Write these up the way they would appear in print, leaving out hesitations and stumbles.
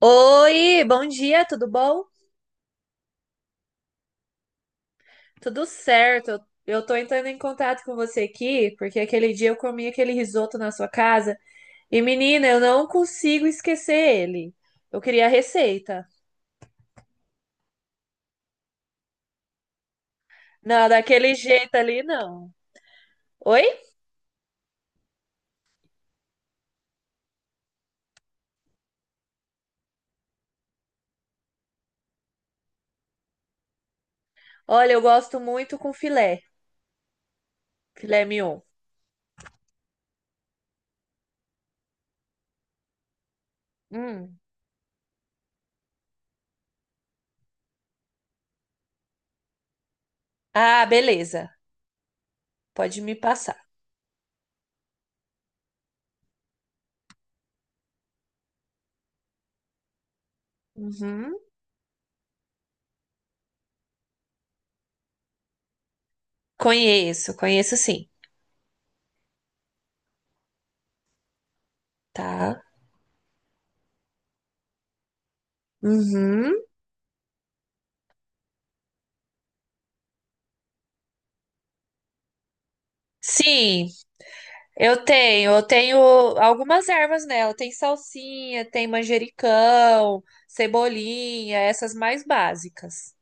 Oi, bom dia, tudo bom? Tudo certo. Eu tô entrando em contato com você aqui, porque aquele dia eu comi aquele risoto na sua casa e, menina, eu não consigo esquecer ele. Eu queria a receita. Não, daquele jeito ali, não. Oi? Olha, eu gosto muito com filé, filé mignon. Hum. Ah, beleza. Pode me passar. Uhum. Conheço, conheço sim, tá? Uhum. Sim, eu tenho algumas ervas nela. Tem salsinha, tem manjericão, cebolinha, essas mais básicas.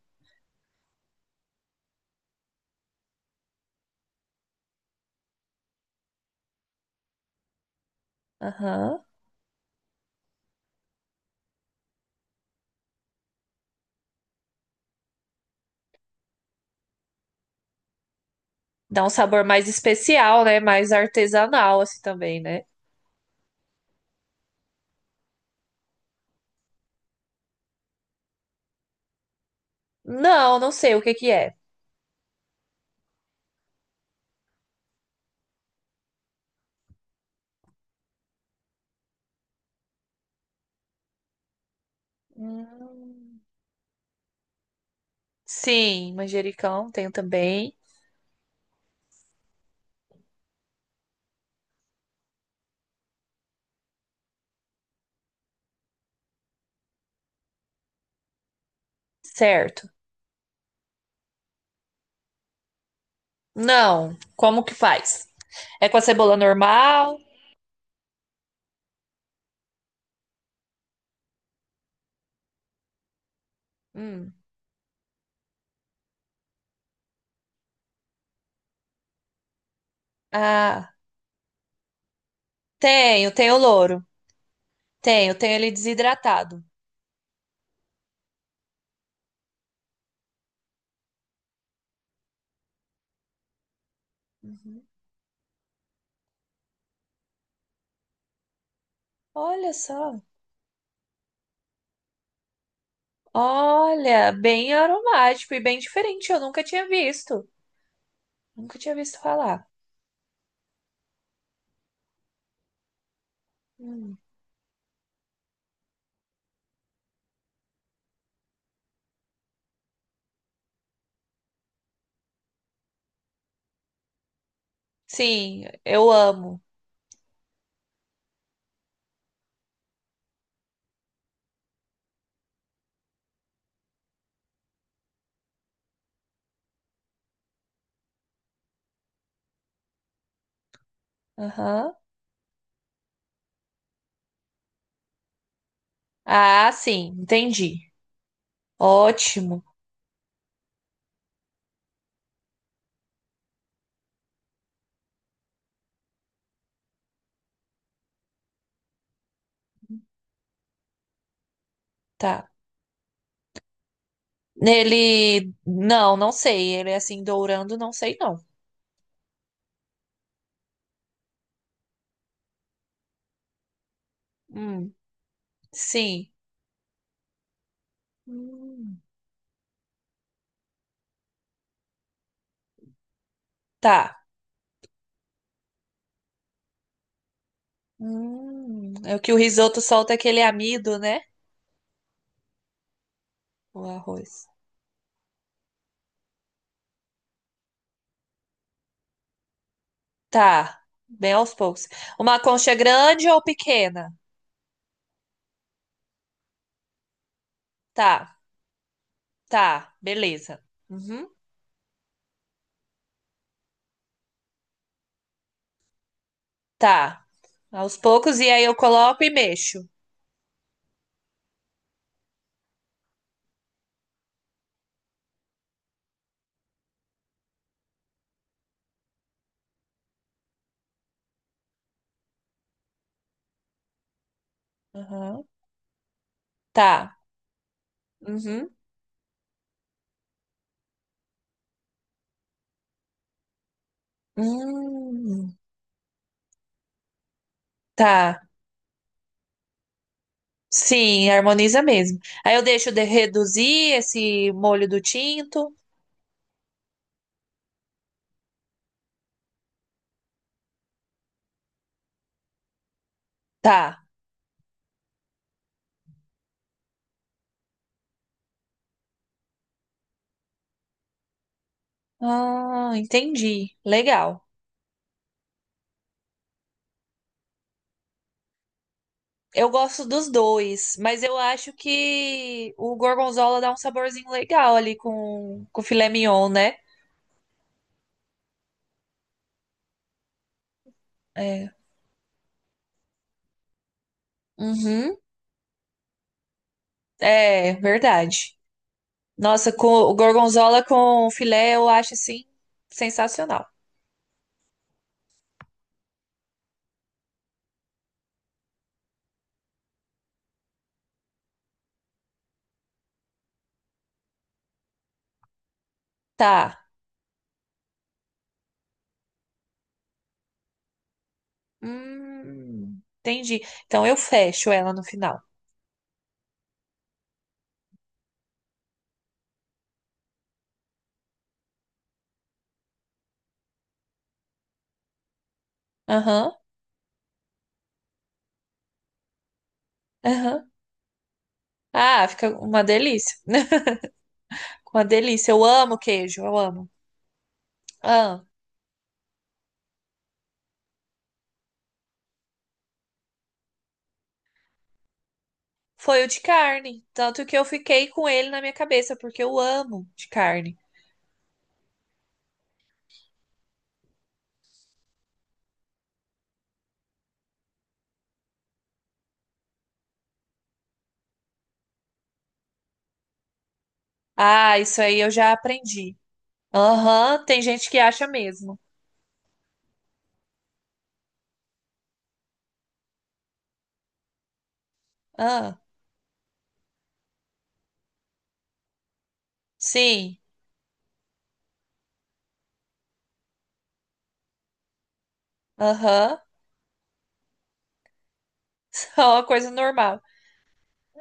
Aham. Dá um sabor mais especial, né? Mais artesanal, assim também, né? Não, não sei o que que é. Hum. Sim, manjericão tenho também. Certo. Não, como que faz? É com a cebola normal? Hum. Ah, tenho, tenho louro. Tenho, tenho ele desidratado. Uhum. Olha só. Olha, bem aromático e bem diferente. Eu nunca tinha visto. Nunca tinha visto falar. Hum. Sim, eu amo. Aham. Ah, sim, entendi. Ótimo. Tá. Ele. Não, não sei. Ele é assim, dourando, não sei não. Hum. Sim. Hum. Tá. Hum. É o que o risoto solta aquele amido, né? O arroz. Tá. Bem aos poucos. Uma concha grande ou pequena? Tá. Tá, beleza. Uhum. Tá. Aos poucos, e aí eu coloco e mexo. Aham. Tá. Uhum. Hum, tá. Sim, harmoniza mesmo. Aí eu deixo de reduzir esse molho do tinto. Tá. Ah, entendi. Legal. Eu gosto dos dois, mas eu acho que o gorgonzola dá um saborzinho legal ali com o filé mignon, né? É. Uhum. É, verdade. Nossa, com o gorgonzola com filé eu acho assim sensacional. Tá. Entendi. Então eu fecho ela no final. Aham, aham. Ah, fica uma delícia. Uma delícia. Eu amo queijo, eu amo. Ah, foi o de carne. Tanto que eu fiquei com ele na minha cabeça, porque eu amo de carne. Ah, isso aí eu já aprendi. Aham, tem gente que acha mesmo. Ah, sim. Aham. Só uma coisa normal.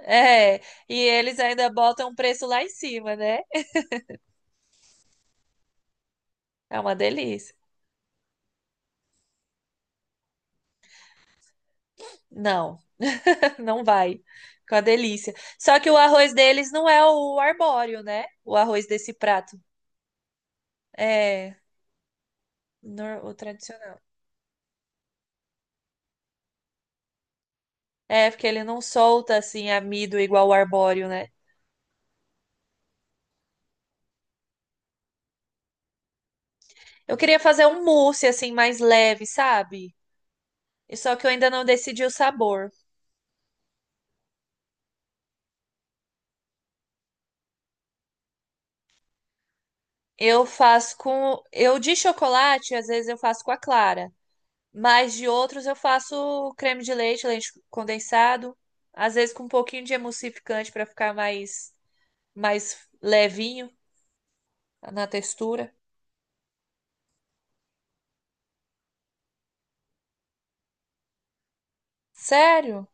É, e eles ainda botam um preço lá em cima, né? É uma delícia. Não, não vai. Com a delícia. Só que o arroz deles não é o arbóreo, né? O arroz desse prato. É, nor- o tradicional. É, porque ele não solta assim amido igual o arbóreo, né? Eu queria fazer um mousse assim mais leve, sabe? E só que eu ainda não decidi o sabor. Eu faço com. Eu de chocolate, às vezes eu faço com a clara. Mas de outros eu faço creme de leite, leite condensado, às vezes com um pouquinho de emulsificante para ficar mais levinho na textura. Sério?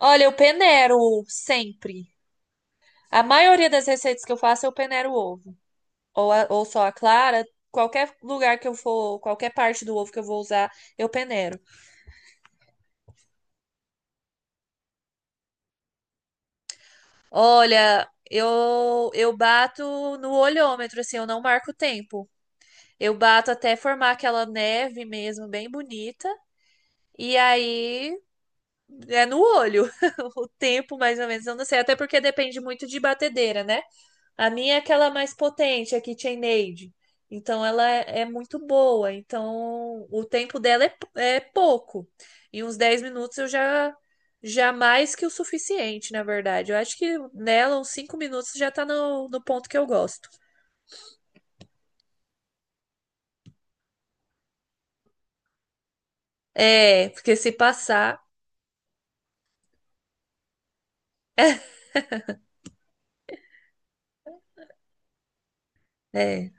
Olha, eu peneiro sempre. A maioria das receitas que eu faço eu peneiro o ovo, ou a- ou só a clara. Qualquer lugar que eu for, qualquer parte do ovo que eu vou usar, eu peneiro. Olha, eu bato no olhômetro, assim, eu não marco o tempo. Eu bato até formar aquela neve mesmo, bem bonita. E aí é no olho o tempo, mais ou menos. Eu não sei, até porque depende muito de batedeira, né? A minha é aquela mais potente, a KitchenAid. Então ela é muito boa. Então o tempo dela é, é pouco. Em uns 10 minutos eu já. Já mais que o suficiente, na verdade. Eu acho que nela, uns 5 minutos já tá no, no ponto que eu gosto. É, porque se passar. É,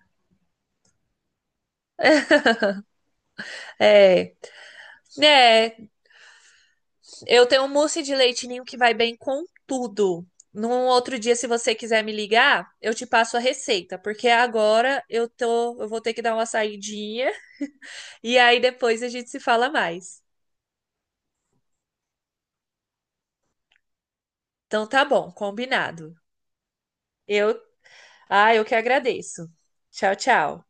é. É, eu tenho um mousse de leite ninho que vai bem com tudo. Num outro dia, se você quiser me ligar, eu te passo a receita, porque agora eu tô, eu vou ter que dar uma saidinha e aí depois a gente se fala mais. Então tá bom, combinado. Eu, ah, eu que agradeço. Tchau, tchau.